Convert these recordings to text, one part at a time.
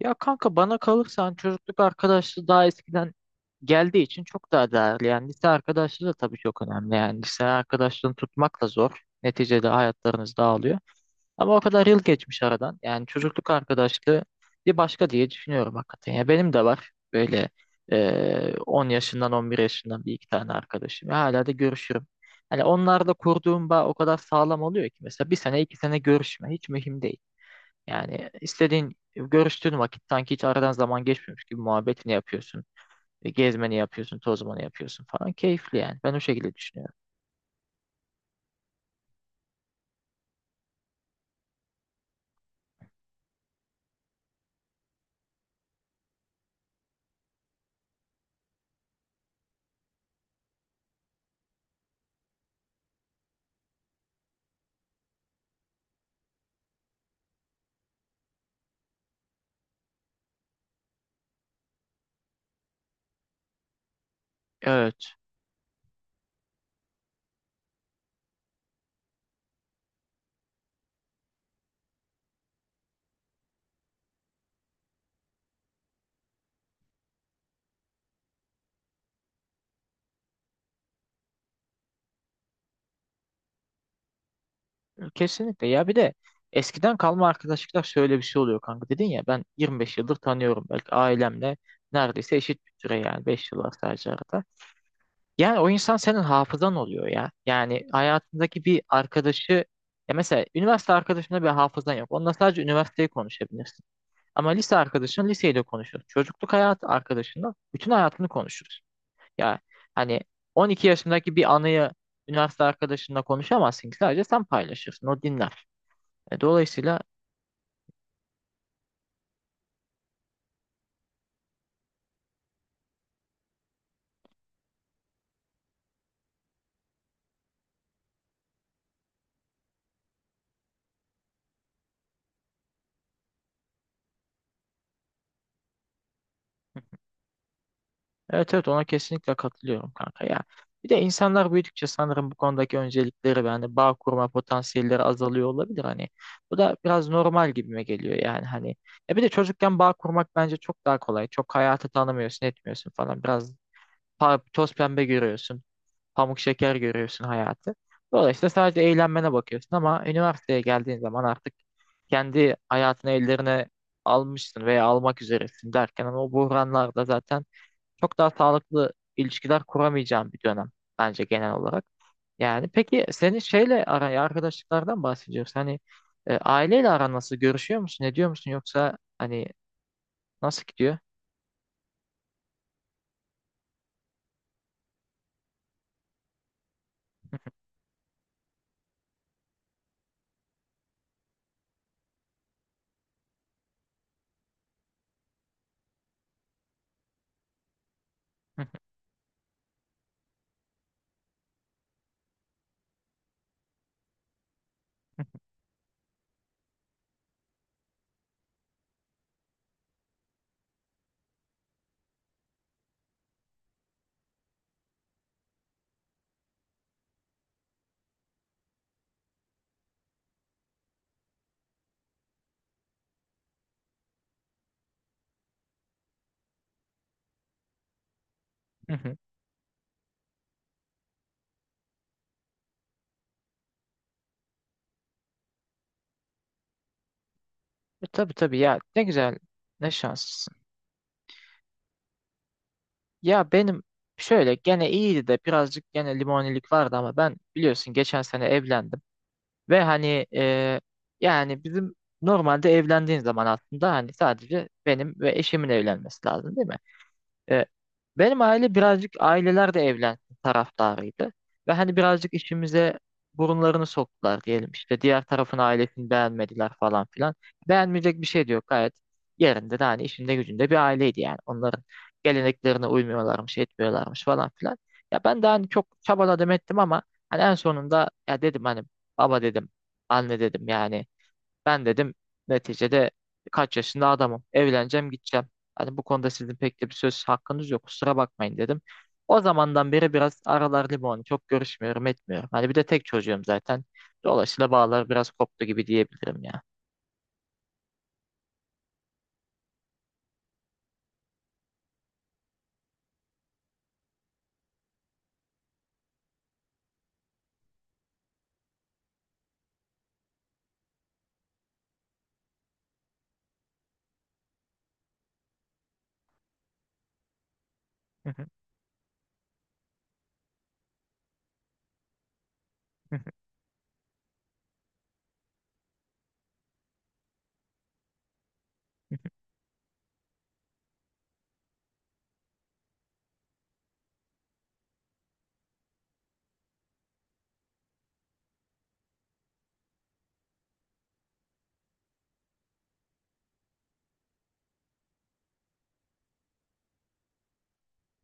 Ya kanka bana kalırsan çocukluk arkadaşlığı daha eskiden geldiği için çok daha değerli. Yani lise arkadaşlığı da tabii çok önemli. Yani lise arkadaşlığını tutmak da zor. Neticede hayatlarınız dağılıyor. Ama o kadar yıl geçmiş aradan. Yani çocukluk arkadaşlığı bir başka diye düşünüyorum hakikaten. Ya benim de var böyle 10 yaşından 11 yaşından bir iki tane arkadaşım. Ya hala da görüşürüm. Hani onlarla kurduğum bağ o kadar sağlam oluyor ki mesela bir sene iki sene görüşme hiç mühim değil. Yani istediğin görüştüğün vakit sanki hiç aradan zaman geçmiyormuş gibi muhabbetini yapıyorsun. Gezmeni yapıyorsun, tozmanı yapıyorsun falan. Keyifli yani. Ben o şekilde düşünüyorum. Evet. Kesinlikle. Ya bir de eskiden kalma arkadaşlıklar şöyle bir şey oluyor kanka. Dedin ya ben 25 yıldır tanıyorum. Belki ailemle neredeyse eşit bir süre yani. Beş yıl var sadece arada. Yani o insan senin hafızan oluyor ya. Yani hayatındaki bir arkadaşı ya mesela üniversite arkadaşında bir hafızan yok. Onunla sadece üniversiteyi konuşabilirsin. Ama lise arkadaşın liseyle konuşur. Çocukluk hayatı arkadaşınla bütün hayatını konuşuruz. Yani hani 12 yaşındaki bir anıyı üniversite arkadaşınla konuşamazsın ki sadece sen paylaşırsın. O dinler. E, Dolayısıyla evet evet, ona kesinlikle katılıyorum kanka ya. Bir de insanlar büyüdükçe sanırım bu konudaki öncelikleri ve hani bağ kurma potansiyelleri azalıyor olabilir hani. Bu da biraz normal gibime geliyor yani hani. E bir de çocukken bağ kurmak bence çok daha kolay. Çok hayatı tanımıyorsun, etmiyorsun falan. Biraz toz pembe görüyorsun. Pamuk şeker görüyorsun hayatı. Dolayısıyla sadece eğlenmene bakıyorsun ama üniversiteye geldiğin zaman artık kendi hayatını ellerine almışsın veya almak üzeresin derken ama o buhranlarda zaten çok daha sağlıklı ilişkiler kuramayacağın bir dönem bence genel olarak. Yani peki senin şeyle araya arkadaşlıklardan bahsediyoruz. Hani aileyle aran nasıl? Görüşüyor musun? Ne diyor musun? Yoksa hani nasıl gidiyor? Hı hı, hı hı. Tabii tabii ya ne güzel. Ne şans. Ya benim şöyle gene iyiydi de birazcık gene limonilik vardı ama ben biliyorsun geçen sene evlendim ve hani yani bizim normalde evlendiğin zaman aslında hani sadece benim ve eşimin evlenmesi lazım değil mi? E, Benim aile birazcık aileler de evlensin taraftarıydı. Ve hani birazcık işimize burunlarını soktular diyelim. İşte diğer tarafın ailesini beğenmediler falan filan. Beğenmeyecek bir şey de yok gayet. Yerinde de hani işinde gücünde bir aileydi yani. Onların geleneklerine uymuyorlarmış, etmiyorlarmış falan filan. Ya ben de hani çok çabaladım ettim ama hani en sonunda ya dedim hani baba dedim, anne dedim yani ben dedim neticede kaç yaşında adamım. Evleneceğim gideceğim. Hani bu konuda sizin pek de bir söz hakkınız yok. Kusura bakmayın dedim. O zamandan beri biraz aralar limon. Çok görüşmüyorum etmiyorum. Hani bir de tek çocuğum zaten. Dolayısıyla bağlar biraz koptu gibi diyebilirim ya.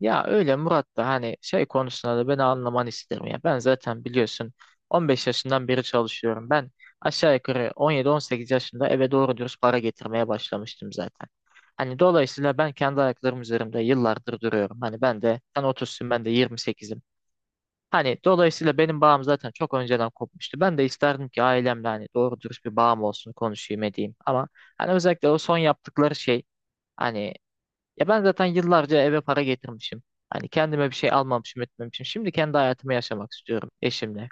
Ya öyle Murat da hani şey konusunda da beni anlaman isterim ya. Ben zaten biliyorsun 15 yaşından beri çalışıyorum. Ben aşağı yukarı 17-18 yaşında eve doğru dürüst para getirmeye başlamıştım zaten. Hani dolayısıyla ben kendi ayaklarım üzerinde yıllardır duruyorum. Hani ben de sen 30'sun ben de 28'im. Hani dolayısıyla benim bağım zaten çok önceden kopmuştu. Ben de isterdim ki ailemle hani doğru dürüst bir bağım olsun konuşayım edeyim. Ama hani özellikle o son yaptıkları şey hani ya ben zaten yıllarca eve para getirmişim. Hani kendime bir şey almamışım etmemişim. Şimdi kendi hayatımı yaşamak istiyorum eşimle.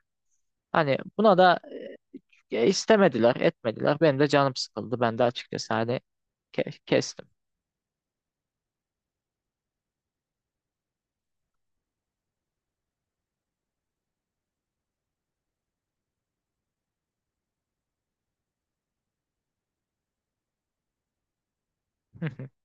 Hani buna da istemediler etmediler. Benim de canım sıkıldı. Ben de açıkçası hani kestim.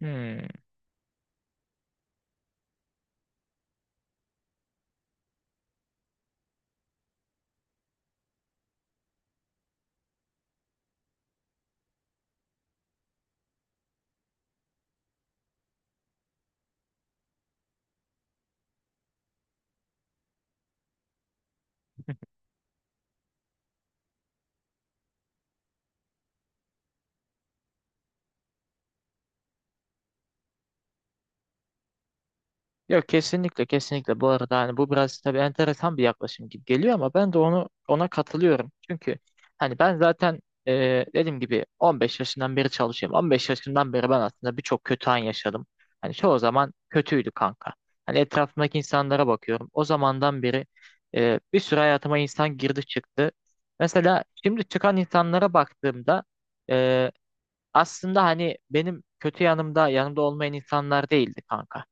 Hmm. Yok, kesinlikle kesinlikle bu arada hani bu biraz tabii enteresan bir yaklaşım gibi geliyor ama ben de onu ona katılıyorum. Çünkü hani ben zaten e, dediğim gibi 15 yaşından beri çalışıyorum. 15 yaşından beri ben aslında birçok kötü an yaşadım. Hani çoğu zaman kötüydü kanka. Hani etrafımdaki insanlara bakıyorum. O zamandan beri bir sürü hayatıma insan girdi çıktı. Mesela şimdi çıkan insanlara baktığımda aslında hani benim kötü yanımda yanımda olmayan insanlar değildi kanka.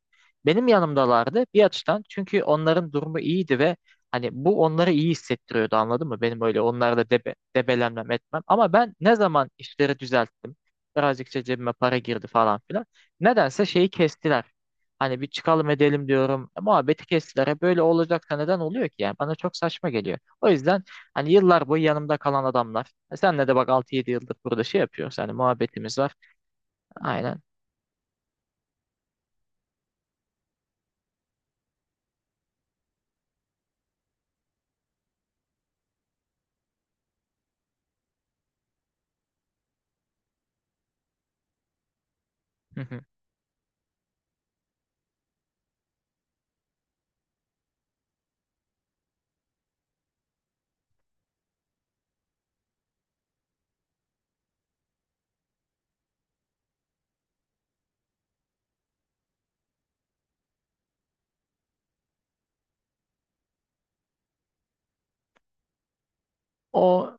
Benim yanımdalardı bir açıdan çünkü onların durumu iyiydi ve hani bu onları iyi hissettiriyordu, anladın mı? Benim öyle onlarla debelenmem etmem ama ben ne zaman işleri düzelttim birazcık işte cebime para girdi falan filan nedense şeyi kestiler. Hani bir çıkalım edelim diyorum. Muhabbeti kestiler. E, böyle olacaksa neden oluyor ki yani? Bana çok saçma geliyor. O yüzden hani yıllar boyu yanımda kalan adamlar. E senle de bak altı yedi yıldır burada şey yapıyoruz. Hani muhabbetimiz var. Aynen. Hı hı. O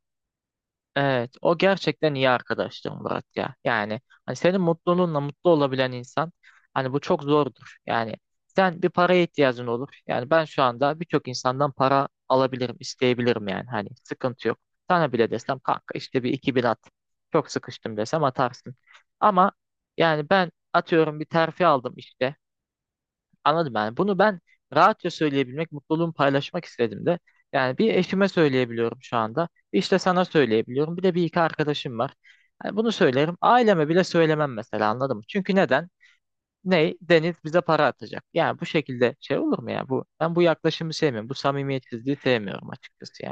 evet, o gerçekten iyi arkadaştır Murat ya. Yani hani senin mutluluğunla mutlu olabilen insan hani bu çok zordur. Yani sen bir paraya ihtiyacın olur. Yani ben şu anda birçok insandan para alabilirim, isteyebilirim yani. Hani sıkıntı yok. Sana bile desem kanka işte bir 2000 at. Çok sıkıştım desem atarsın. Ama yani ben atıyorum bir terfi aldım işte. Anladım yani. Bunu ben rahatça söyleyebilmek, mutluluğumu paylaşmak istedim de. Yani bir eşime söyleyebiliyorum şu anda. İşte sana söyleyebiliyorum. Bir de bir iki arkadaşım var. Yani bunu söylerim. Aileme bile söylemem mesela, anladın mı? Çünkü neden? Ney? Deniz bize para atacak. Yani bu şekilde şey olur mu ya? Bu, ben bu yaklaşımı sevmiyorum. Bu samimiyetsizliği sevmiyorum açıkçası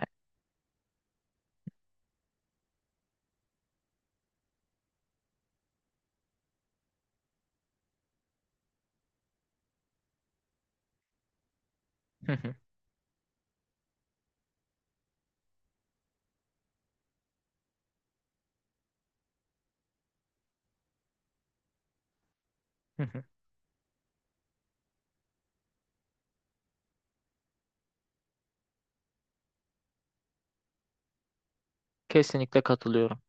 yani. Kesinlikle katılıyorum.